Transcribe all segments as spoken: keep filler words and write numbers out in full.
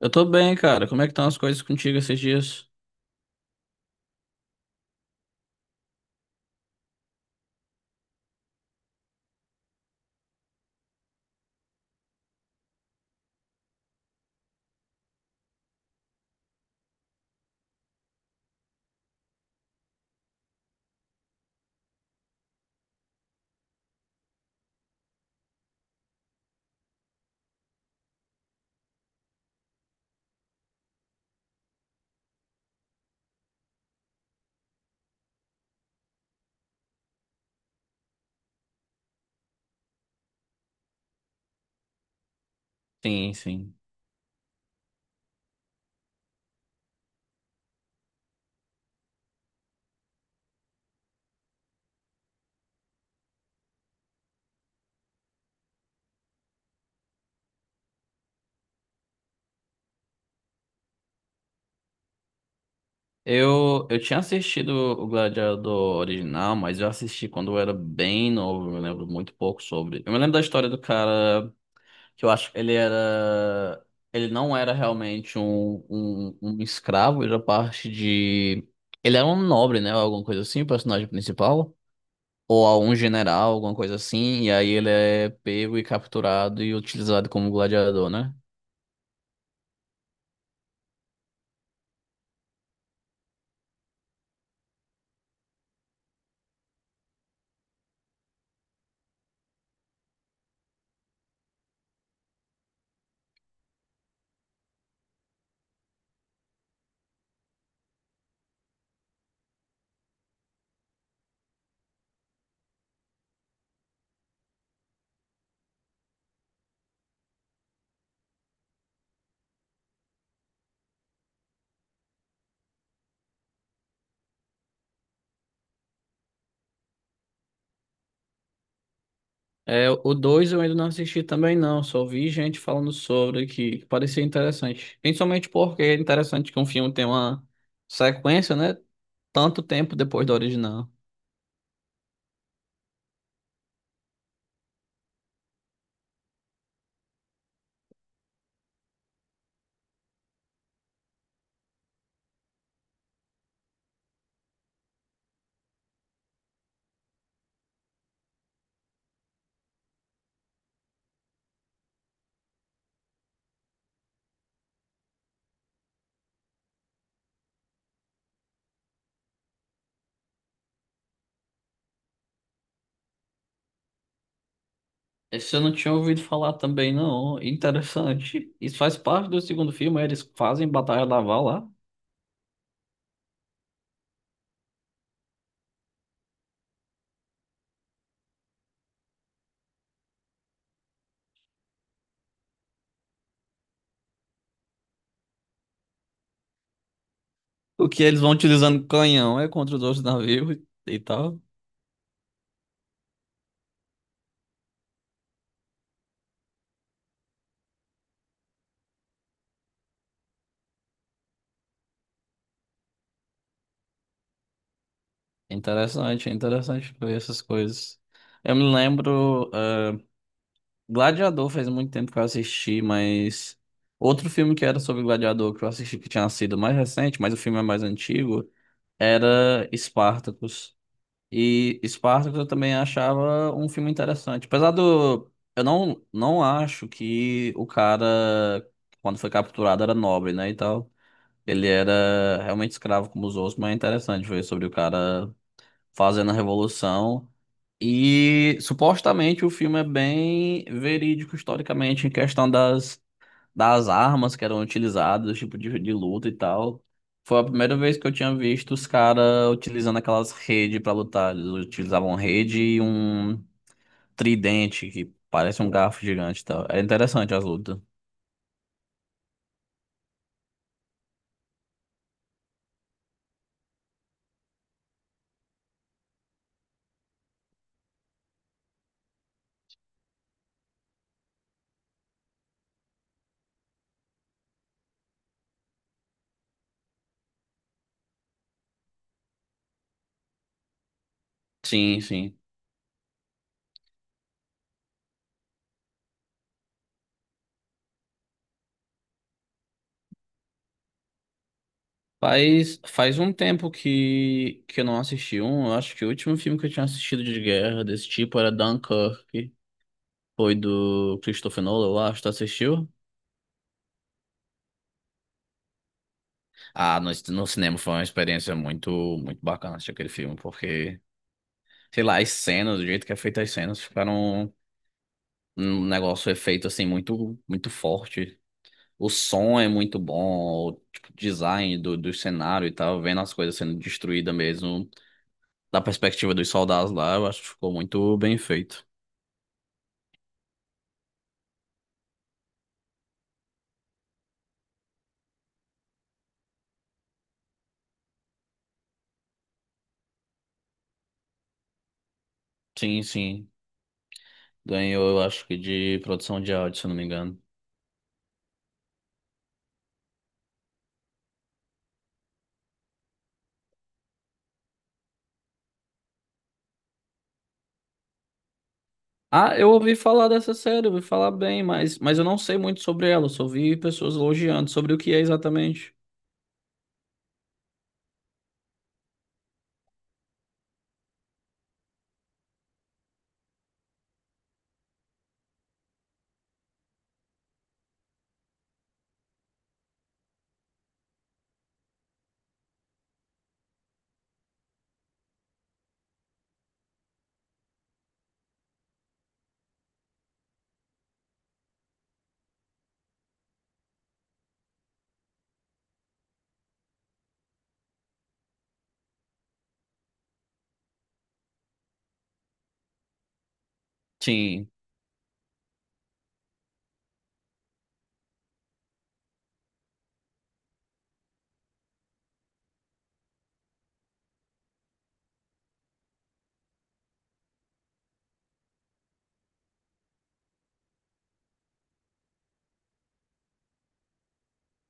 Eu tô bem, cara. Como é que estão as coisas contigo esses dias? Sim, sim. Eu, eu tinha assistido o Gladiador original, mas eu assisti quando eu era bem novo. Eu me lembro muito pouco sobre. Eu me lembro da história do cara que eu acho que ele era. Ele não era realmente um, um, um escravo, ele era parte de. Ele era um nobre, né? Alguma coisa assim, o personagem principal. Ou algum general, alguma coisa assim. E aí ele é pego e capturado e utilizado como gladiador, né? É, o dois eu ainda não assisti também não, só vi gente falando sobre que que parecia interessante. Principalmente porque é interessante que um filme tem uma sequência, né? Tanto tempo depois da original. Esse eu não tinha ouvido falar também não, interessante. Isso faz parte do segundo filme, né? Eles fazem batalha naval lá. O que eles vão utilizando canhão é contra os outros navios e e tal. Interessante, é interessante ver essas coisas. Eu me lembro. Gladiador faz muito tempo que eu assisti, mas outro filme que era sobre Gladiador que eu assisti que tinha sido mais recente, mas o filme é mais antigo, era Spartacus. E Spartacus eu também achava um filme interessante. Apesar do eu não não acho que o cara quando foi capturado era nobre, né, e tal. Ele era realmente escravo como os outros, mas é interessante ver sobre o cara fazendo a revolução. E supostamente o filme é bem verídico historicamente em questão das, das armas que eram utilizadas, tipo de, de luta e tal. Foi a primeira vez que eu tinha visto os caras utilizando aquelas redes para lutar. Eles utilizavam rede e um tridente que parece um garfo gigante e tal. É interessante as lutas. Sim, sim. Faz, faz um tempo que, que eu não assisti um. Eu acho que o último filme que eu tinha assistido de guerra desse tipo era Dunkirk. Foi do Christopher Nolan, eu acho. Tu assistiu? Ah, no, no cinema foi uma experiência muito, muito bacana assistir aquele filme, porque, sei lá, as cenas, do jeito que é feita as cenas, ficaram um negócio efeito assim muito, muito forte. O som é muito bom, o tipo, design do, do cenário e tal, vendo as coisas sendo destruídas mesmo, da perspectiva dos soldados lá, eu acho que ficou muito bem feito. Sim, sim. Ganhou, eu acho que de produção de áudio, se eu não me engano. Ah, eu ouvi falar dessa série, ouvi falar bem, mas, mas eu não sei muito sobre ela, eu só ouvi pessoas elogiando sobre o que é exatamente. Sim,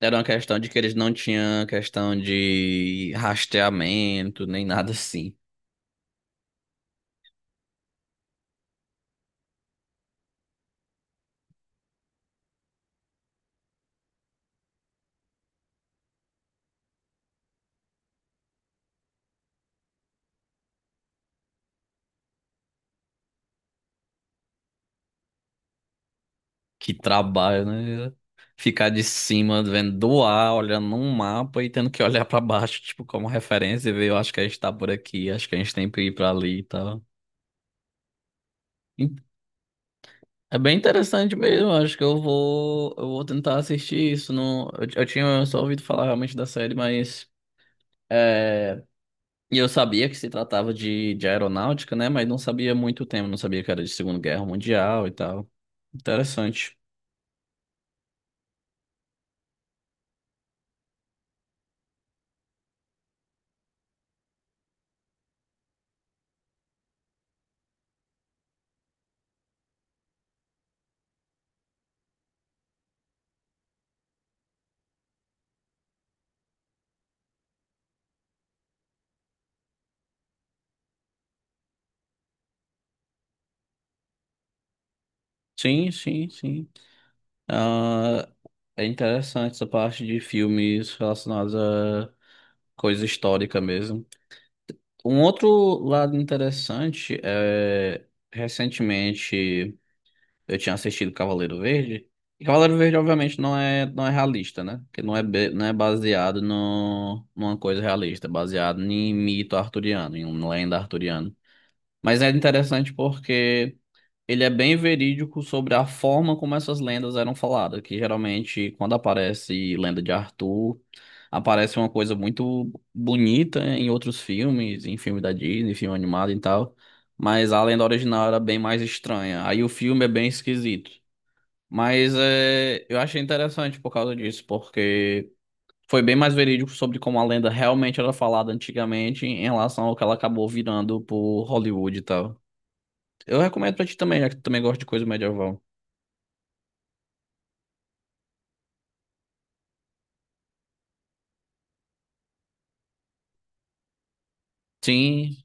era uma questão de que eles não tinham questão de rastreamento, nem nada assim. Que trabalho, né? Ficar de cima, vendo do ar, olhando um mapa e tendo que olhar pra baixo, tipo, como referência e ver, eu acho que a gente tá por aqui, acho que a gente tem que ir pra ali e tal. É bem interessante mesmo, acho que eu vou, eu vou tentar assistir isso. Não, eu, eu tinha só ouvido falar realmente da série, mas. é, E eu sabia que se tratava de, de aeronáutica, né? Mas não sabia muito o tema, não sabia que era de Segunda Guerra Mundial e tal. Interessante. Sim, sim, sim. Ah, é interessante essa parte de filmes relacionados a coisa histórica mesmo. Um outro lado interessante é, recentemente. Eu tinha assistido Cavaleiro Verde. E Cavaleiro Verde, obviamente, não é, não é realista, né? Porque não é, be- não é baseado no, numa coisa realista, é baseado em mito arturiano, em uma lenda arturiana. Mas é interessante porque ele é bem verídico sobre a forma como essas lendas eram faladas, que geralmente, quando aparece lenda de Arthur, aparece uma coisa muito bonita em outros filmes, em filme da Disney, filme animado e tal. Mas a lenda original era bem mais estranha. Aí o filme é bem esquisito. Mas é, eu achei interessante por causa disso, porque foi bem mais verídico sobre como a lenda realmente era falada antigamente em relação ao que ela acabou virando por Hollywood e tal. Eu recomendo pra ti também, já que tu também gosta de coisa medieval. Sim,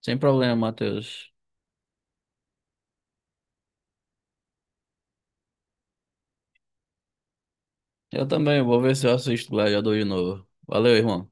sem problema, Matheus. Eu também, vou ver se eu assisto Gladiador de novo. Valeu, irmão.